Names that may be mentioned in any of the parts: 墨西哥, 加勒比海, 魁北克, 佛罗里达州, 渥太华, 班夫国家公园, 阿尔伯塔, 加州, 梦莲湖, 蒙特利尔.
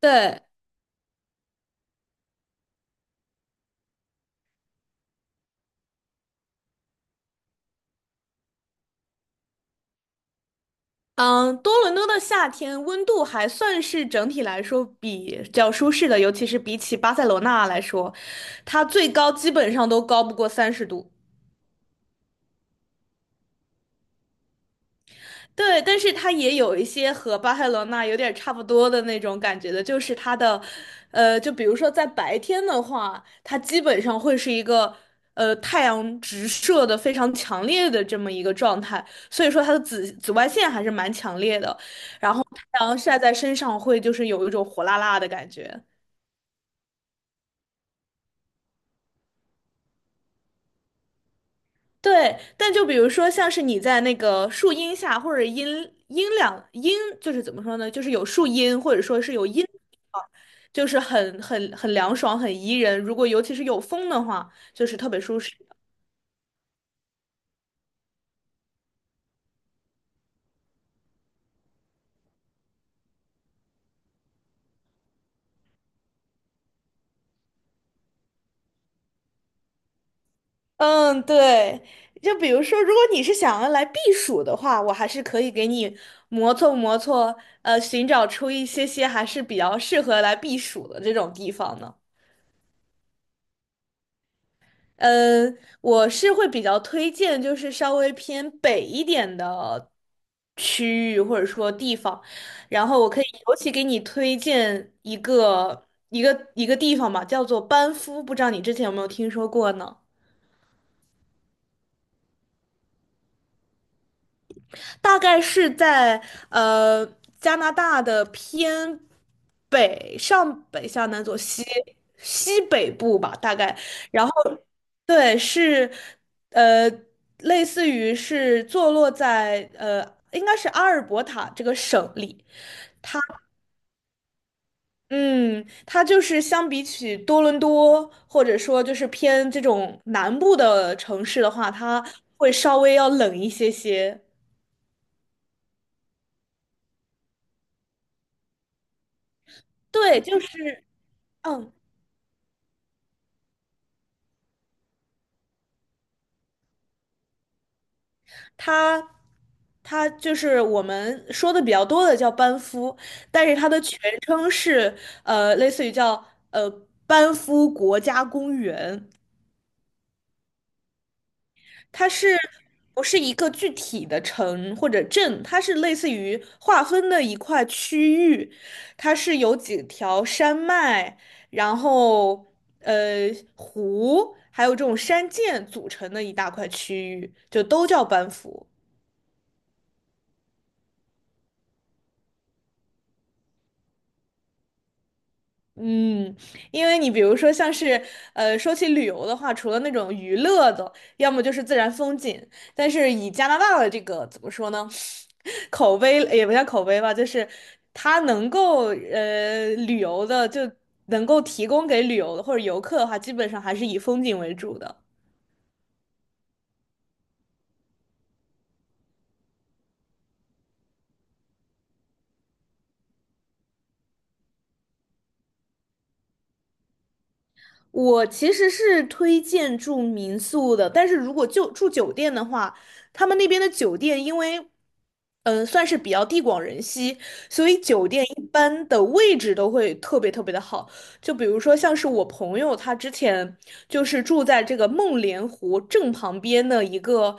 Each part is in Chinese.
对，嗯，多伦多的夏天温度还算是整体来说比较舒适的，尤其是比起巴塞罗那来说，它最高基本上都高不过30度。对，但是它也有一些和巴塞罗那有点差不多的那种感觉的，就是它的，就比如说在白天的话，它基本上会是一个，太阳直射的非常强烈的这么一个状态，所以说它的紫外线还是蛮强烈的，然后太阳晒在身上会就是有一种火辣辣的感觉。对，但就比如说，像是你在那个树荫下，或者阴阴凉阴，就是怎么说呢？就是有树荫，或者说是有阴的地方就是很凉爽，很宜人。如果尤其是有风的话，就是特别舒适。嗯，对。就比如说，如果你是想要来避暑的话，我还是可以给你磨蹭磨蹭，寻找出一些些还是比较适合来避暑的这种地方呢。呃，我是会比较推荐，就是稍微偏北一点的区域或者说地方，然后我可以尤其给你推荐一个地方吧，叫做班夫，不知道你之前有没有听说过呢？大概是在呃加拿大的偏北上北下南左西北部吧，大概。然后对，是呃类似于是坐落在应该是阿尔伯塔这个省里。嗯，它就是相比起多伦多，或者说就是偏这种南部的城市的话，它会稍微要冷一些些。对，就是。嗯。它它就是我们说的比较多的叫班夫，但是它的全称是类似于叫呃班夫国家公园，它是不是一个具体的城或者镇？它是类似于划分的一块区域，它是有几条山脉，然后呃湖，还有这种山涧组成的一大块区域，就都叫班夫。嗯，因为你比如说像是，说起旅游的话，除了那种娱乐的，要么就是自然风景，但是以加拿大的这个怎么说呢，口碑也不叫口碑吧，就是它能够旅游的，就能够提供给旅游的或者游客的话，基本上还是以风景为主的。我其实是推荐住民宿的，但是如果就住酒店的话，他们那边的酒店因为，算是比较地广人稀，所以酒店一般的位置都会特别特别的好。就比如说像是我朋友，他之前就是住在这个梦莲湖正旁边的一个。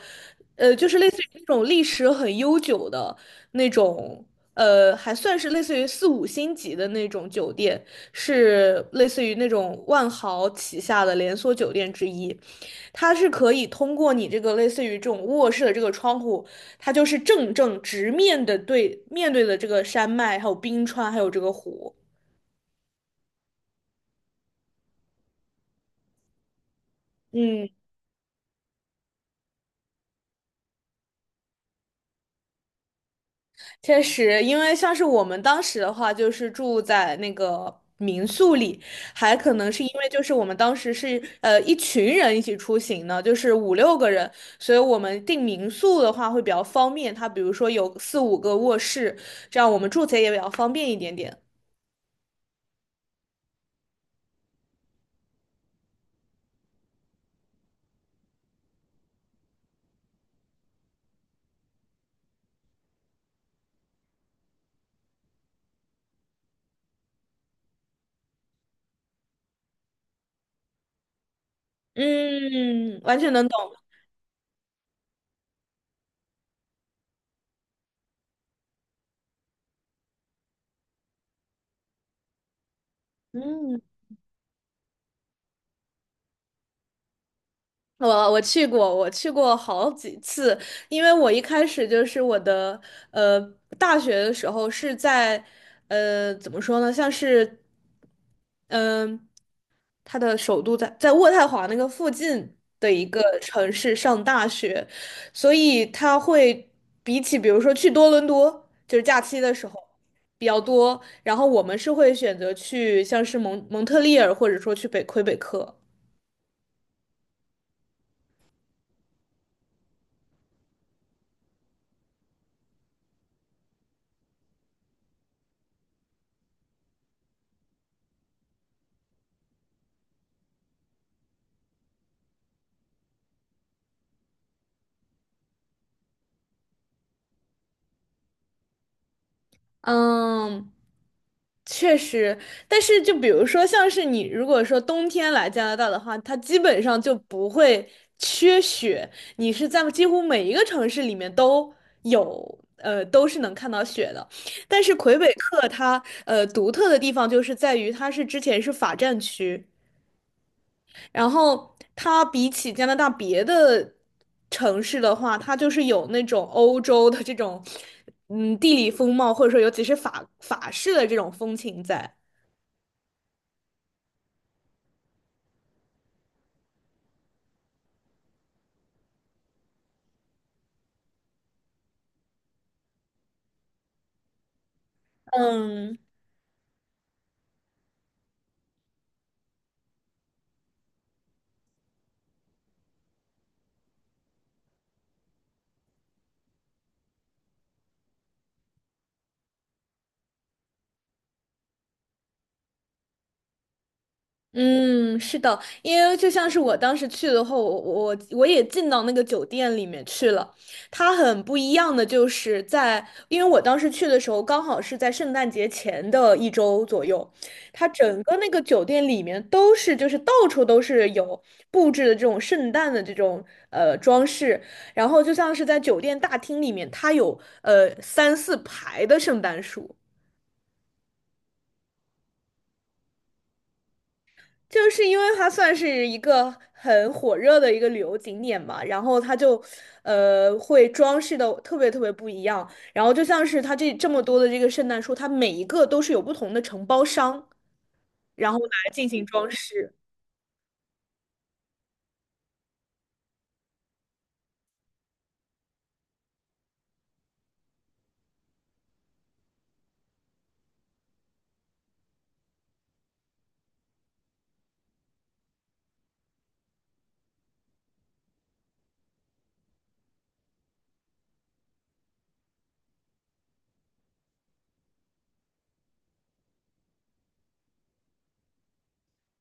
就是类似于那种历史很悠久的那种，还算是类似于四五星级的那种酒店，是类似于那种万豪旗下的连锁酒店之一。它是可以通过你这个类似于这种卧室的这个窗户，它就是正直面的对面对的这个山脉，还有冰川，还有这个湖。嗯。确实，因为像是我们当时的话，就是住在那个民宿里，还可能是因为就是我们当时是一群人一起出行呢，就是五六个人，所以我们订民宿的话会比较方便。它比如说有四五个卧室，这样我们住起来也比较方便一点点。嗯，完全能懂。嗯，我去过，我去过好几次，因为我一开始就是我的呃大学的时候是在怎么说呢，像是嗯、它的首都在渥太华那个附近的一个城市上大学，所以他会比起比如说去多伦多，就是假期的时候比较多，然后我们是会选择去像是蒙特利尔或者说去北魁北克。嗯，确实，但是就比如说，像是你如果说冬天来加拿大的话，它基本上就不会缺雪，你是在几乎每一个城市里面都有，都是能看到雪的。但是魁北克它独特的地方就是在于它是之前是法占区。然后它比起加拿大别的城市的话，它就是有那种欧洲的这种，地理风貌，或者说尤其是法式的这种风情在。嗯，嗯，是的，因为就像是我当时去的话，我也进到那个酒店里面去了。它很不一样的就是在，因为我当时去的时候刚好是在圣诞节前的一周左右，它整个那个酒店里面都是就是到处都是有布置的这种圣诞的这种装饰，然后就像是在酒店大厅里面，它有三四排的圣诞树。就是因为它算是一个很火热的一个旅游景点嘛，然后它就，会装饰的特别特别不一样。然后就像是它这么多的这个圣诞树，它每一个都是有不同的承包商，然后来进行装饰。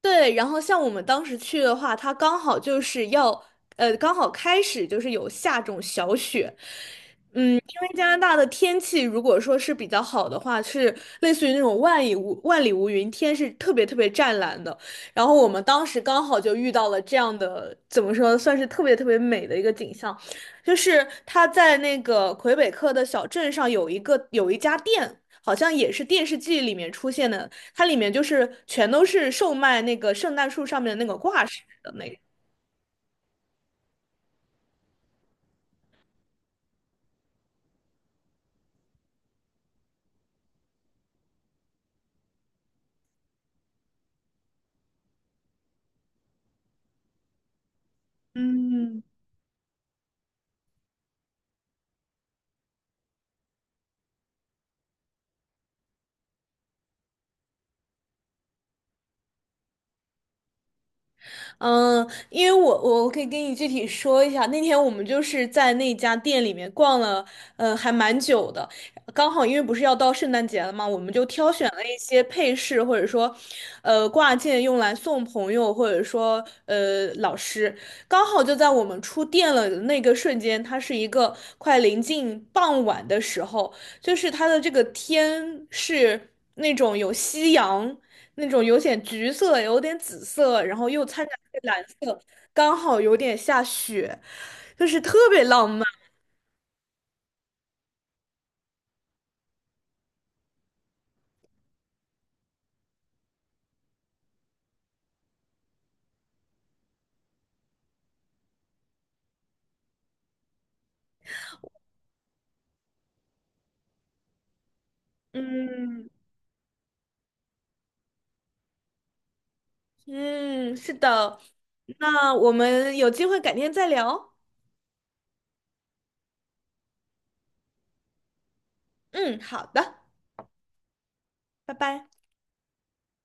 对，然后像我们当时去的话，它刚好就是要，刚好开始就是有下这种小雪，加拿大的天气如果说是比较好的话，是类似于那种万里无云，天是特别特别湛蓝的。然后我们当时刚好就遇到了这样的，怎么说，算是特别特别美的一个景象，就是它在那个魁北克的小镇上有一家店。好像也是电视剧里面出现的，它里面就是全都是售卖那个圣诞树上面的那个挂饰的那个。嗯，嗯，因为我可以跟你具体说一下，那天我们就是在那家店里面逛了，还蛮久的。刚好因为不是要到圣诞节了嘛，我们就挑选了一些配饰，或者说，挂件用来送朋友，或者说，老师。刚好就在我们出店了的那个瞬间，它是一个快临近傍晚的时候，就是它的这个天是那种有夕阳。那种有点橘色，有点紫色，然后又掺杂着蓝色，刚好有点下雪，就是特别浪漫。嗯嗯，是的，那我们有机会改天再聊。嗯，好的，拜拜。